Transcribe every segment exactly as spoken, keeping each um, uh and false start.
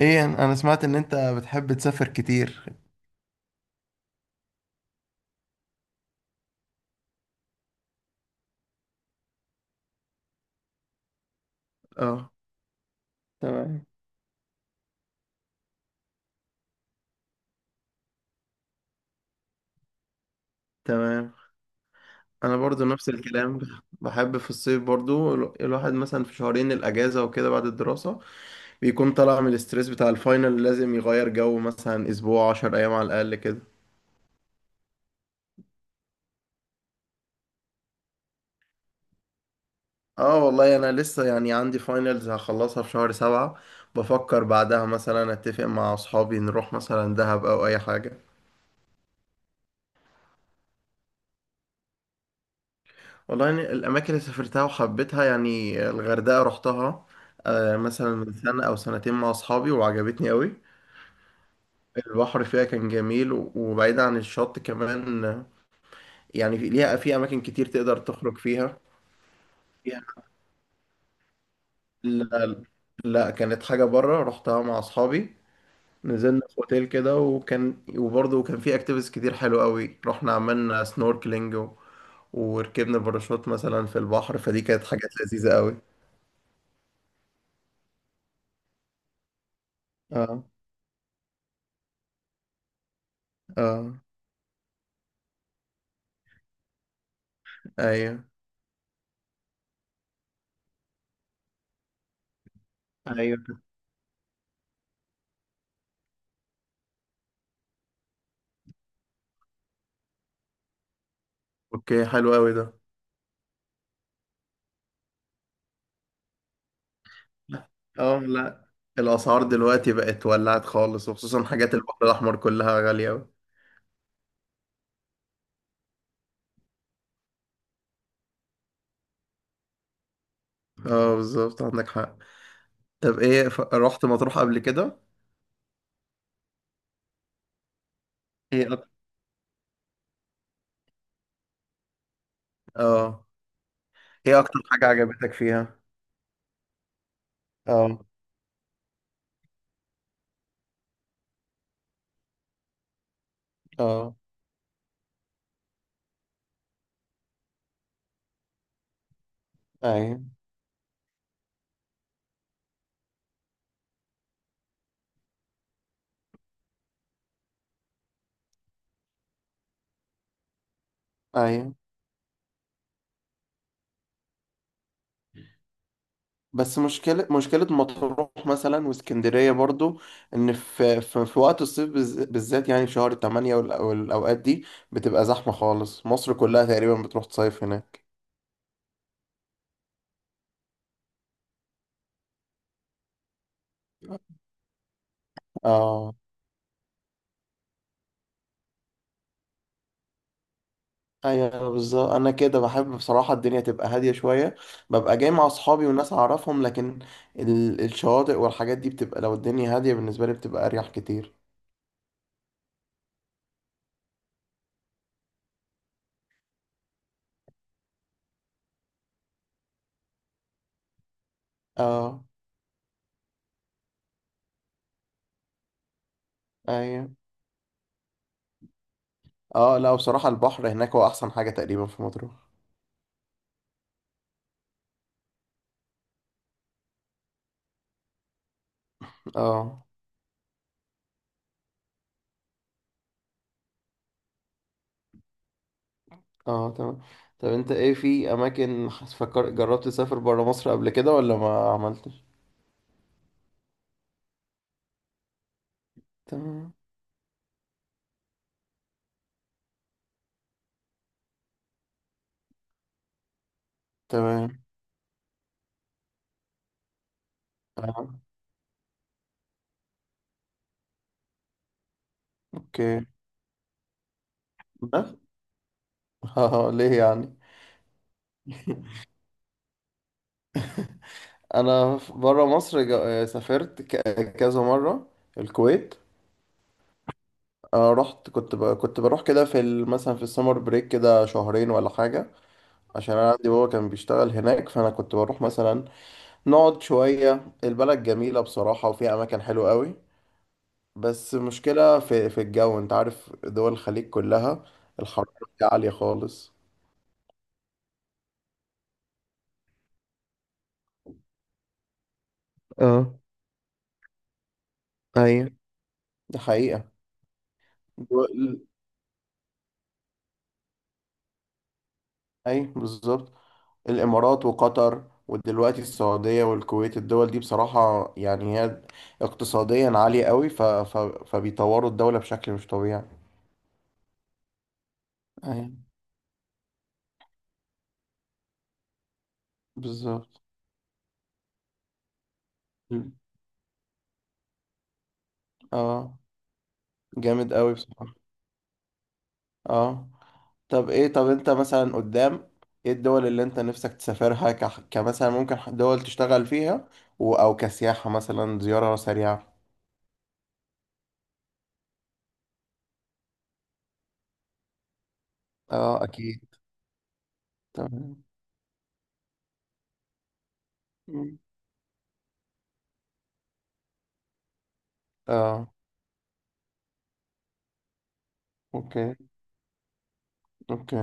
ايه، انا أنا سمعت ان انت بتحب تسافر كتير؟ اه. تمام، تمام. انا برضو نفس الكلام. بحب في الصيف برضو ال- الواحد مثلا في شهرين الاجازه وكده بعد الدراسه، بيكون طالع من الاسترس بتاع الفاينل. لازم يغير جو مثلا اسبوع عشر ايام على الاقل كده. اه والله، انا لسه يعني عندي فاينلز هخلصها في شهر سبعة. بفكر بعدها مثلا اتفق مع اصحابي نروح مثلا دهب او اي حاجه. والله يعني الأماكن اللي سافرتها وحبيتها، يعني الغردقة رحتها آه، مثلا من سنة أو سنتين مع أصحابي، وعجبتني أوي. البحر فيها كان جميل و- وبعيد عن الشط كمان آه، يعني في- ليها في أماكن كتير تقدر تخرج فيها. فيها- لا, لا كانت حاجة بره رحتها مع أصحابي. نزلنا في أوتيل كده، وكان وبرضه كان في أكتيفيتيز كتير حلوة أوي. رحنا عملنا سنوركلينج، و... وركبنا باراشوت مثلا في البحر. فدي كانت حاجات لذيذة أوي. اه. اه. ايوه، ايوه. اوكي، حلو قوي ده. اه لا، الاسعار دلوقتي بقت ولعت خالص، وخصوصا حاجات البحر الاحمر كلها غالية قوي. اه بالظبط، عندك حق. طب ايه ف... رحت مطروح قبل كده؟ ايه اكتر؟ اه. ايه اكتر حاجة عجبتك فيها؟ اه. اه. ايوه، ايوه. بس مشكلة مشكلة مطروح مثلا واسكندرية برضو، ان في في, في وقت الصيف بالز- بالذات، يعني في شهر ثمانية والأوقات دي بتبقى زحمة خالص. مصر كلها تقريبا بتروح تصيف هناك. اه ايوه بالظبط، انا كده بحب بصراحه الدنيا تبقى هاديه شويه. ببقى جاي مع اصحابي وناس اعرفهم، لكن ال... الشواطئ والحاجات دي بتبقى، لو الدنيا هاديه بالنسبه لي، بتبقى اريح كتير. اه ايوه. اه لا، بصراحه البحر هناك هو احسن حاجه تقريبا في مطروح. اه. اه تمام. طب انت ايه، في اماكن حس- فكر جربت تسافر برا مصر قبل كده ولا ما عملتش؟ تمام، تمام. اه. اوكي. بس. اه ليه يعني؟ انا بره مصر جا- سافرت ك- كذا مره. الكويت. أنا رحت، كنت ب... كنت بروح كده في ال... مثلا في السمر بريك كده شهرين ولا حاجه. عشان انا عندي بابا كان بيشتغل هناك، فانا كنت بروح مثلا نقعد شويه. البلد جميله بصراحه وفيها اماكن حلوه قوي. بس مشكله في في الجو، انت عارف دول الخليج كلها الحراره فيها عاليه خالص. اه ايوه، دي حقيقه. دول... ايوه بالظبط. الإمارات وقطر ودلوقتي السعودية والكويت، الدول دي بصراحة يعني هي اقتصاديا عالية قوي، ف... ف... فبيطوروا الدولة بشكل مش طبيعي. أيوة بالظبط. مم. اه جامد قوي بصراحة. اه. طب ايه طب انت مثلا قدام، ايه الدول اللي انت نفسك تسافرها ك... كمثلا ممكن دول تشتغل فيها و... او كسياحة مثلا زيارة سريعة؟ اه اكيد. تمام. مم. اه اوكي. اوكي.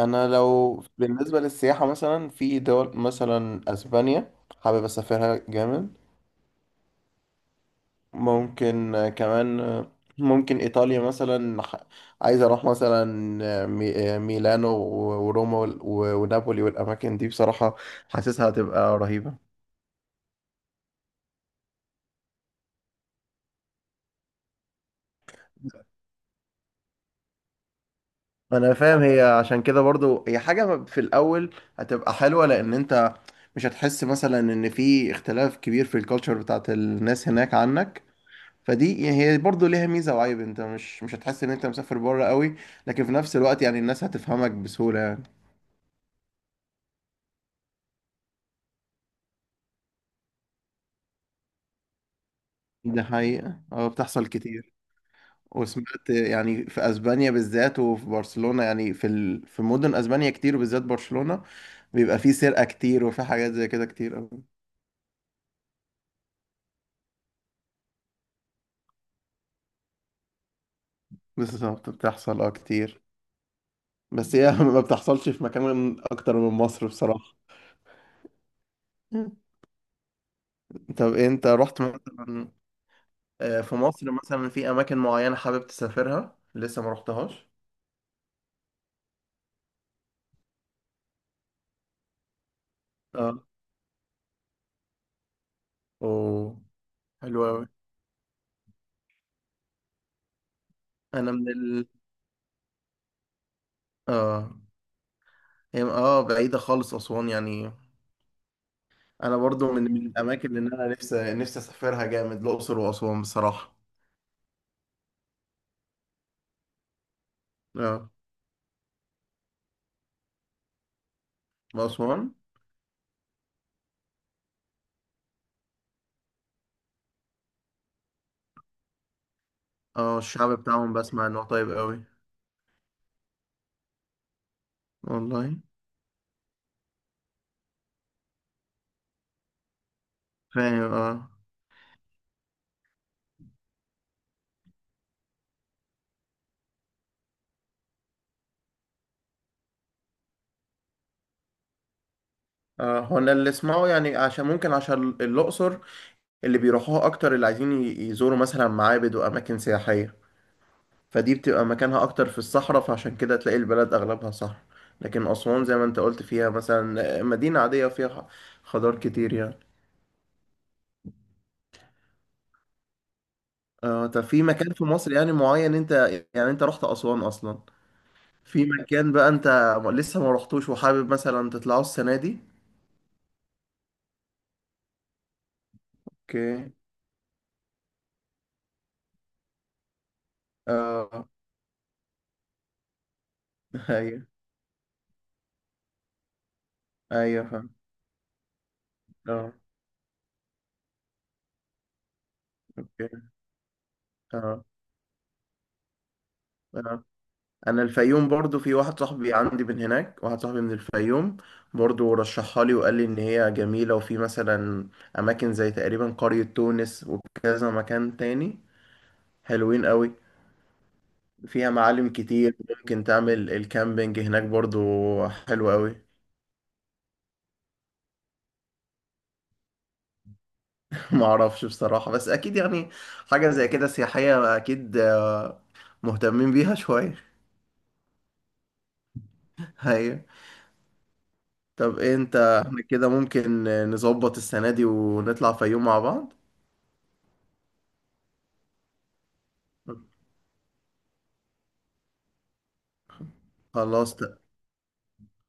انا لو بالنسبه للسياحه مثلا في دول مثلا اسبانيا، حابب اسافرها جامد. ممكن آه، كمان آه، ممكن ايطاليا مثلا، ح- عايز اروح مثلا آه، مي- آه، ميلانو و- وروما وال- و- ونابولي والاماكن دي بصراحه حاسسها هتبقى رهيبه. انا فاهم، هي عشان كده برضو هي حاجه في الاول هتبقى حلوه، لان انت مش هتحس مثلا ان في اختلاف كبير في الكالتشر بتاعت الناس هناك عنك. فدي يعني هي برضه ليها ميزة وعيب، انت مش مش هتحس ان انت مسافر بره قوي. لكن في نفس الوقت يعني الناس هتفهمك بسهولة يعني. ده حقيقة، اه بتحصل كتير. وسمعت يعني في اسبانيا بالذات وفي برشلونة، يعني في ال... في مدن اسبانيا كتير، وبالذات برشلونة بيبقى في سرقة كتير وفي حاجات زي كده كتير قوي. بالظبط، بتحصل اه كتير. بس هي ما بتحصلش في مكان اكتر من مصر بصراحة. طب انت رحت مثلا آه، في مصر مثلا، في اماكن معينة حابب تسافرها لسه ما رحتهاش؟ اه. اوه. حلو قوي. انا من ال اه هي اه بعيده خالص اسوان يعني. انا برضو من من الاماكن اللي انا نفسي نفسي اسافرها جامد، الاقصر واسوان بصراحه. اه واسوان. اه، الشعب بتاعهم بسمع انه طيب قوي. والله فاهم، اه. اه، هو انا اللي اسمعه يعني، عشان ممكن عشان الاقصر اللي بيروحوها اكتر اللي عايزين ي- يزوروا مثلا معابد واماكن سياحيه، فدي بتبقى مكانها اكتر في الصحراء. فعشان كده تلاقي البلد اغلبها صحراء. لكن اسوان زي ما انت قلت فيها مثلا مدينة عادية فيها خضار كتير يعني. اه. طب في مكان في مصر يعني معين انت، يعني انت رحت اسوان اصلا، في مكان بقى انت لسه ما رحتوش وحابب مثلا تطلعه السنة دي؟ اوكي. اه. ايوه. ايوه فاهم. اه اوكي. اه. آه. انا الفيوم، برضو في واحد صاحبي عندي من هناك، واحد صاحبي من الفيوم برضو رشحها لي، وقال لي ان هي جميلة، وفي مثلا اماكن زي تقريبا قرية تونس وكذا مكان تاني حلوين قوي. فيها معالم كتير، ممكن تعمل الكامبينج هناك برضو. حلو قوي. ما اعرفش بصراحة، بس اكيد يعني حاجة زي كده سياحية اكيد مهتمين بيها شوية. ايوه. طب إيه انت، احنا كده ممكن نظبط السنة دي ونطلع فيوم مع بعض؟ خلاص.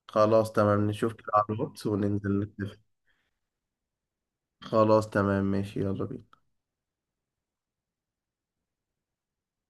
خلاص تمام، نشوف كده على الواتس وننزل نتفق. خلاص تمام، ماشي، يلا بينا.